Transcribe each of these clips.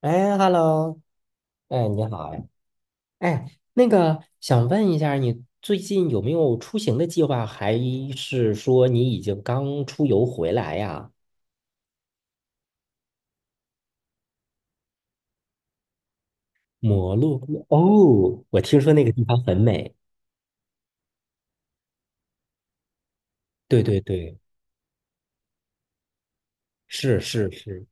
哎，Hello，哎，你好呀，哎，那个想问一下，你最近有没有出行的计划，还是说你已经刚出游回来呀？摩洛哥，哦，我听说那个地方很美。对对对，是是是。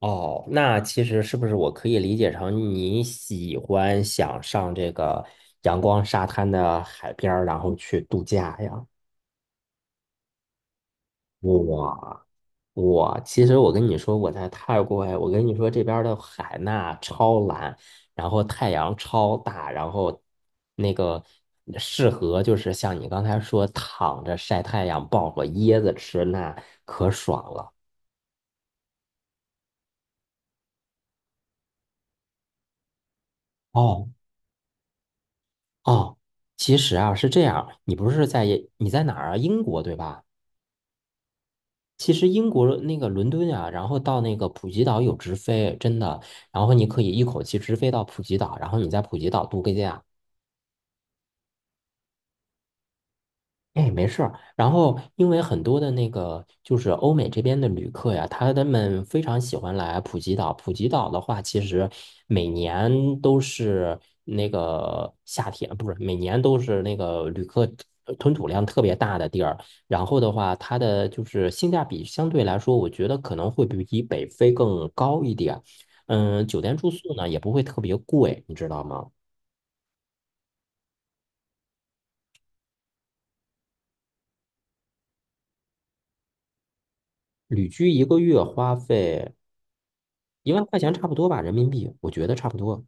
哦，那其实是不是我可以理解成你喜欢想上这个阳光沙滩的海边儿，然后去度假呀？哇，其实我跟你说，我在泰国。哎，我跟你说这边儿的海纳超蓝，然后太阳超大，然后那个适合就是像你刚才说躺着晒太阳，抱个椰子吃，那可爽了。哦。哦，其实啊是这样，你不是在你在哪儿啊？英国对吧？其实英国那个伦敦啊，然后到那个普吉岛有直飞，真的。然后你可以一口气直飞到普吉岛，然后你在普吉岛度个假。哎，没事儿。然后，因为很多的那个就是欧美这边的旅客呀，他们非常喜欢来普吉岛。普吉岛的话，其实每年都是那个夏天，不是每年都是那个旅客吞吐量特别大的地儿。然后的话，它的就是性价比相对来说，我觉得可能会比北非更高一点。嗯，酒店住宿呢也不会特别贵，你知道吗？旅居一个月花费。1万块钱差不多吧，人民币，我觉得差不多。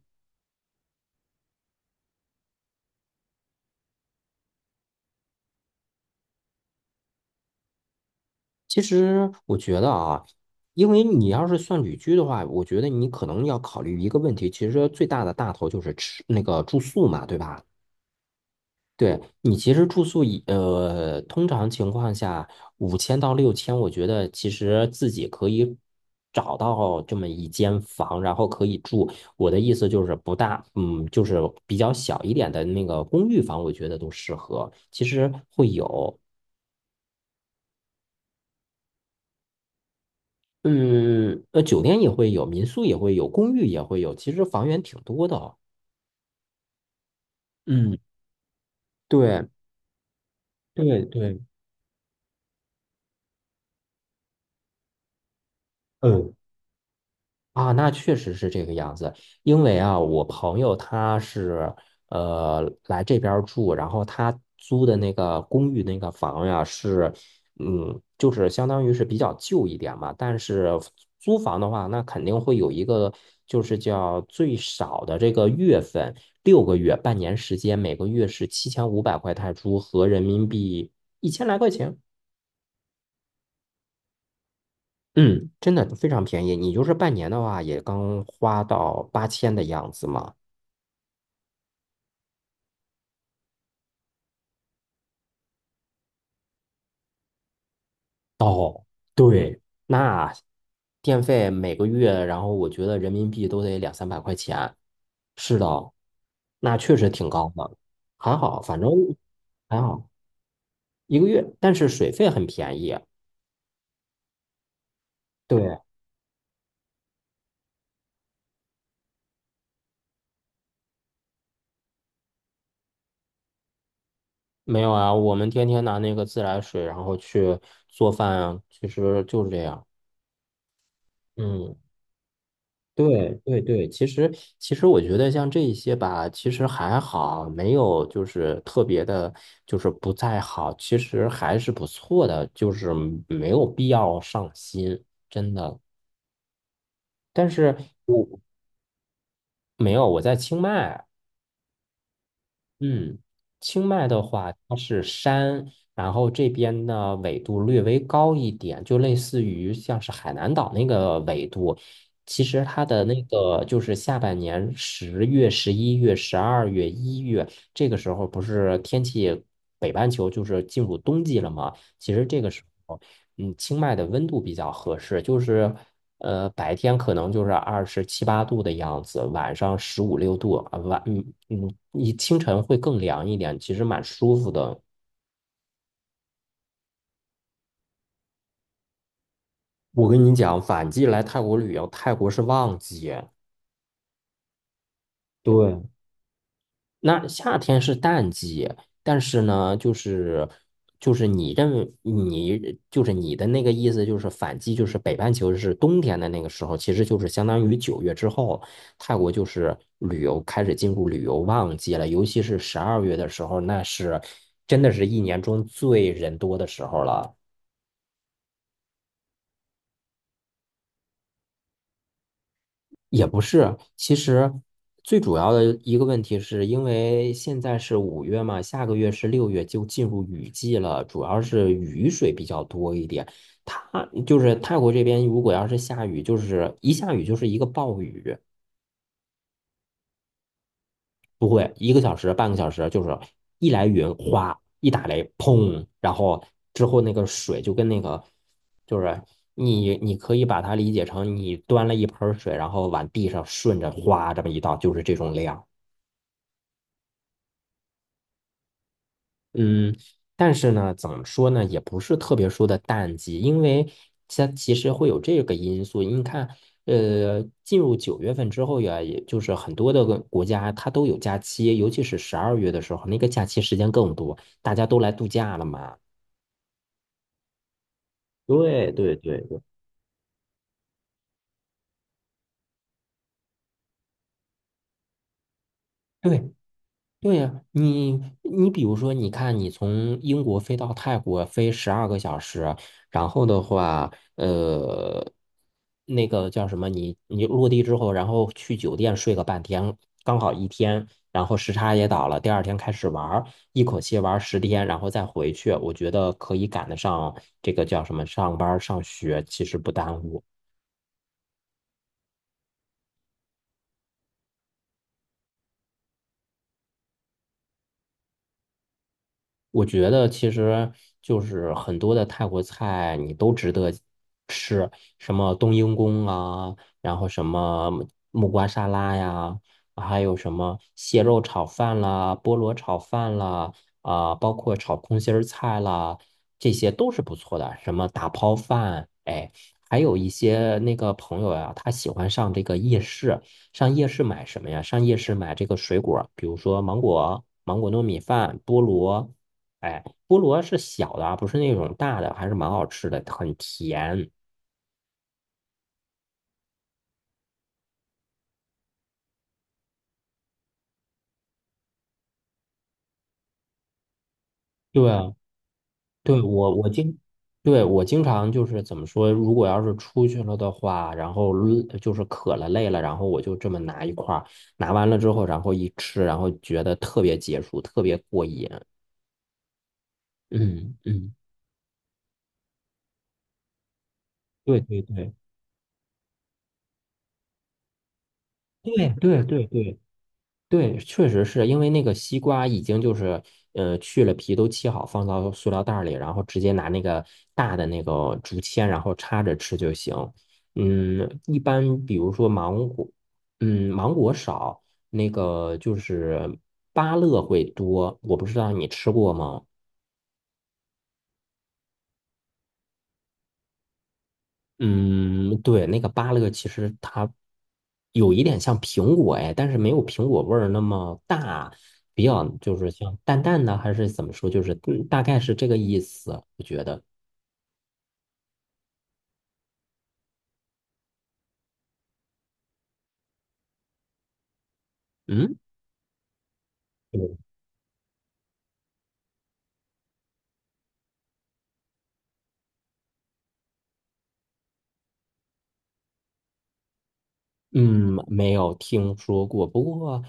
其实我觉得啊，因为你要是算旅居的话，我觉得你可能要考虑一个问题，其实最大的大头就是吃那个住宿嘛，对吧？对，你其实住宿以，呃，通常情况下五千到六千，我觉得其实自己可以找到这么一间房，然后可以住。我的意思就是不大，就是比较小一点的那个公寓房，我觉得都适合。其实会有。嗯，酒店也会有，民宿也会有，公寓也会有，其实房源挺多的。嗯，对对对，嗯，啊，那确实是这个样子。因为啊，我朋友他是来这边儿住，然后他租的那个公寓那个房呀是，就是相当于是比较旧一点嘛。但是租房的话，那肯定会有一个就是叫最少的这个月份，6个月、半年时间，每个月是7500块泰铢，合人民币一千来块钱。嗯，真的非常便宜。你就是半年的话，也刚花到8000的样子嘛。哦，对，那电费每个月，然后我觉得人民币都得两三百块钱。是的，那确实挺高的，还好，反正还好一个月，但是水费很便宜。对，没有啊，我们天天拿那个自来水，然后去做饭啊，其实就是这样。嗯。对对对，其实我觉得像这一些吧，其实还好，没有就是特别的，就是不太好，其实还是不错的，就是没有必要上心，真的。但是我没有，我在清迈。嗯，清迈的话，它是山，然后这边呢纬度略微高一点，就类似于像是海南岛那个纬度。其实它的那个就是下半年10月、11月、十二月、一月这个时候，不是天气北半球就是进入冬季了吗？其实这个时候。嗯，清迈的温度比较合适，就是白天可能就是二十七八度的样子，晚上十五六度啊，晚嗯嗯，你清晨会更凉一点，其实蛮舒服的。我跟你讲，反季来泰国旅游，泰国是旺季。对，那夏天是淡季，但是呢，就是你认为你就是你的那个意思，就是反季，就是北半球是冬天的那个时候，其实就是相当于九月之后，泰国就是旅游开始进入旅游旺季了，尤其是十二月的时候，那是真的是一年中最人多的时候了。也不是，其实最主要的一个问题是因为现在是5月嘛，下个月是6月，就进入雨季了，主要是雨水比较多一点。它就是泰国这边，如果要是下雨，就是一下雨就是一个暴雨，不会一个小时、半个小时，就是一来云哗，一打雷砰，然后之后那个水就跟那个就是你可以把它理解成你端了一盆儿水，然后往地上顺着哗这么一倒，就是这种量。嗯，但是呢，怎么说呢，也不是特别说的淡季，因为它其实会有这个因素。你看，进入9月份之后呀，也就是很多的个国家它都有假期，尤其是十二月的时候，那个假期时间更多，大家都来度假了嘛。对对对对。对，对呀，你比如说，你看你从英国飞到泰国飞12个小时，然后的话，呃，那个叫什么，你落地之后，然后去酒店睡个半天，刚好一天，然后时差也倒了，第二天开始玩儿，一口气玩10天，然后再回去，我觉得可以赶得上这个叫什么上班儿上学，其实不耽误。我觉得其实就是很多的泰国菜你都值得吃，什么冬阴功啊，然后什么木瓜沙拉呀，还有什么蟹肉炒饭啦、菠萝炒饭啦，啊、包括炒空心儿菜啦，这些都是不错的。什么打抛饭，哎，还有一些那个朋友呀、他喜欢上这个夜市，上夜市买什么呀？上夜市买这个水果，比如说芒果、芒果糯米饭、菠萝，哎，菠萝是小的啊，不是那种大的，还是蛮好吃的，很甜。对啊，对，我我经，对，我经常就是怎么说，如果要是出去了的话，然后累就是渴了累了，然后我就这么拿一块儿，拿完了之后，然后一吃，然后觉得特别解暑，特别过瘾。嗯嗯，对对对对对对对，对，确实是因为那个西瓜已经就是，去了皮都切好，放到塑料袋儿里，然后直接拿那个大的那个竹签，然后插着吃就行。嗯，一般比如说芒果，嗯，芒果少，那个就是芭乐会多，我不知道你吃过吗？嗯，对，那个芭乐其实它有一点像苹果哎，但是没有苹果味儿那么大，比较就是像淡淡的，还是怎么说，就是大概是这个意思，我觉得。嗯，对。嗯，没有听说过，不过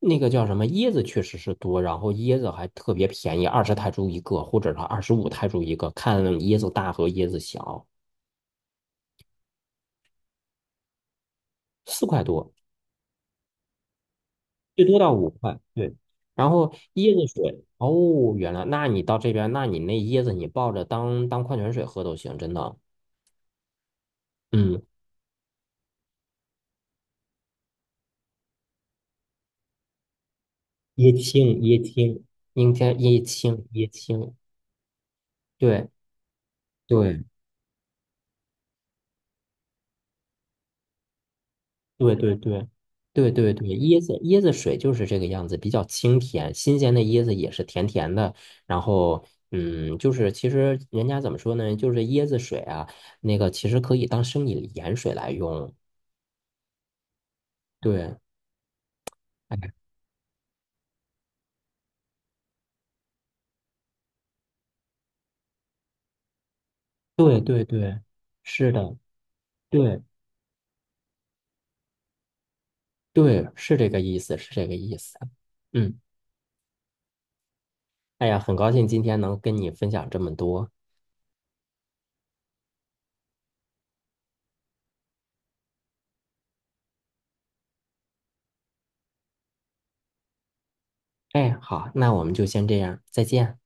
那个叫什么椰子确实是多，然后椰子还特别便宜，20泰铢一个，或者是25泰铢一个，看椰子大和椰子小，四块多。最多到五块，对。然后椰子水，哦，原来，那你到这边，那你那椰子你抱着当矿泉水喝都行，真的。嗯，椰青，椰青，应该椰青，椰青，对对对对对对对对，椰子水就是这个样子，比较清甜，新鲜的椰子也是甜甜的。然后，嗯，就是其实人家怎么说呢，就是椰子水啊，那个其实可以当生理盐水来用，对。哎对对对，是的，对对，是这个意思，是这个意思。嗯，哎呀，很高兴今天能跟你分享这么多。哎，好，那我们就先这样，再见。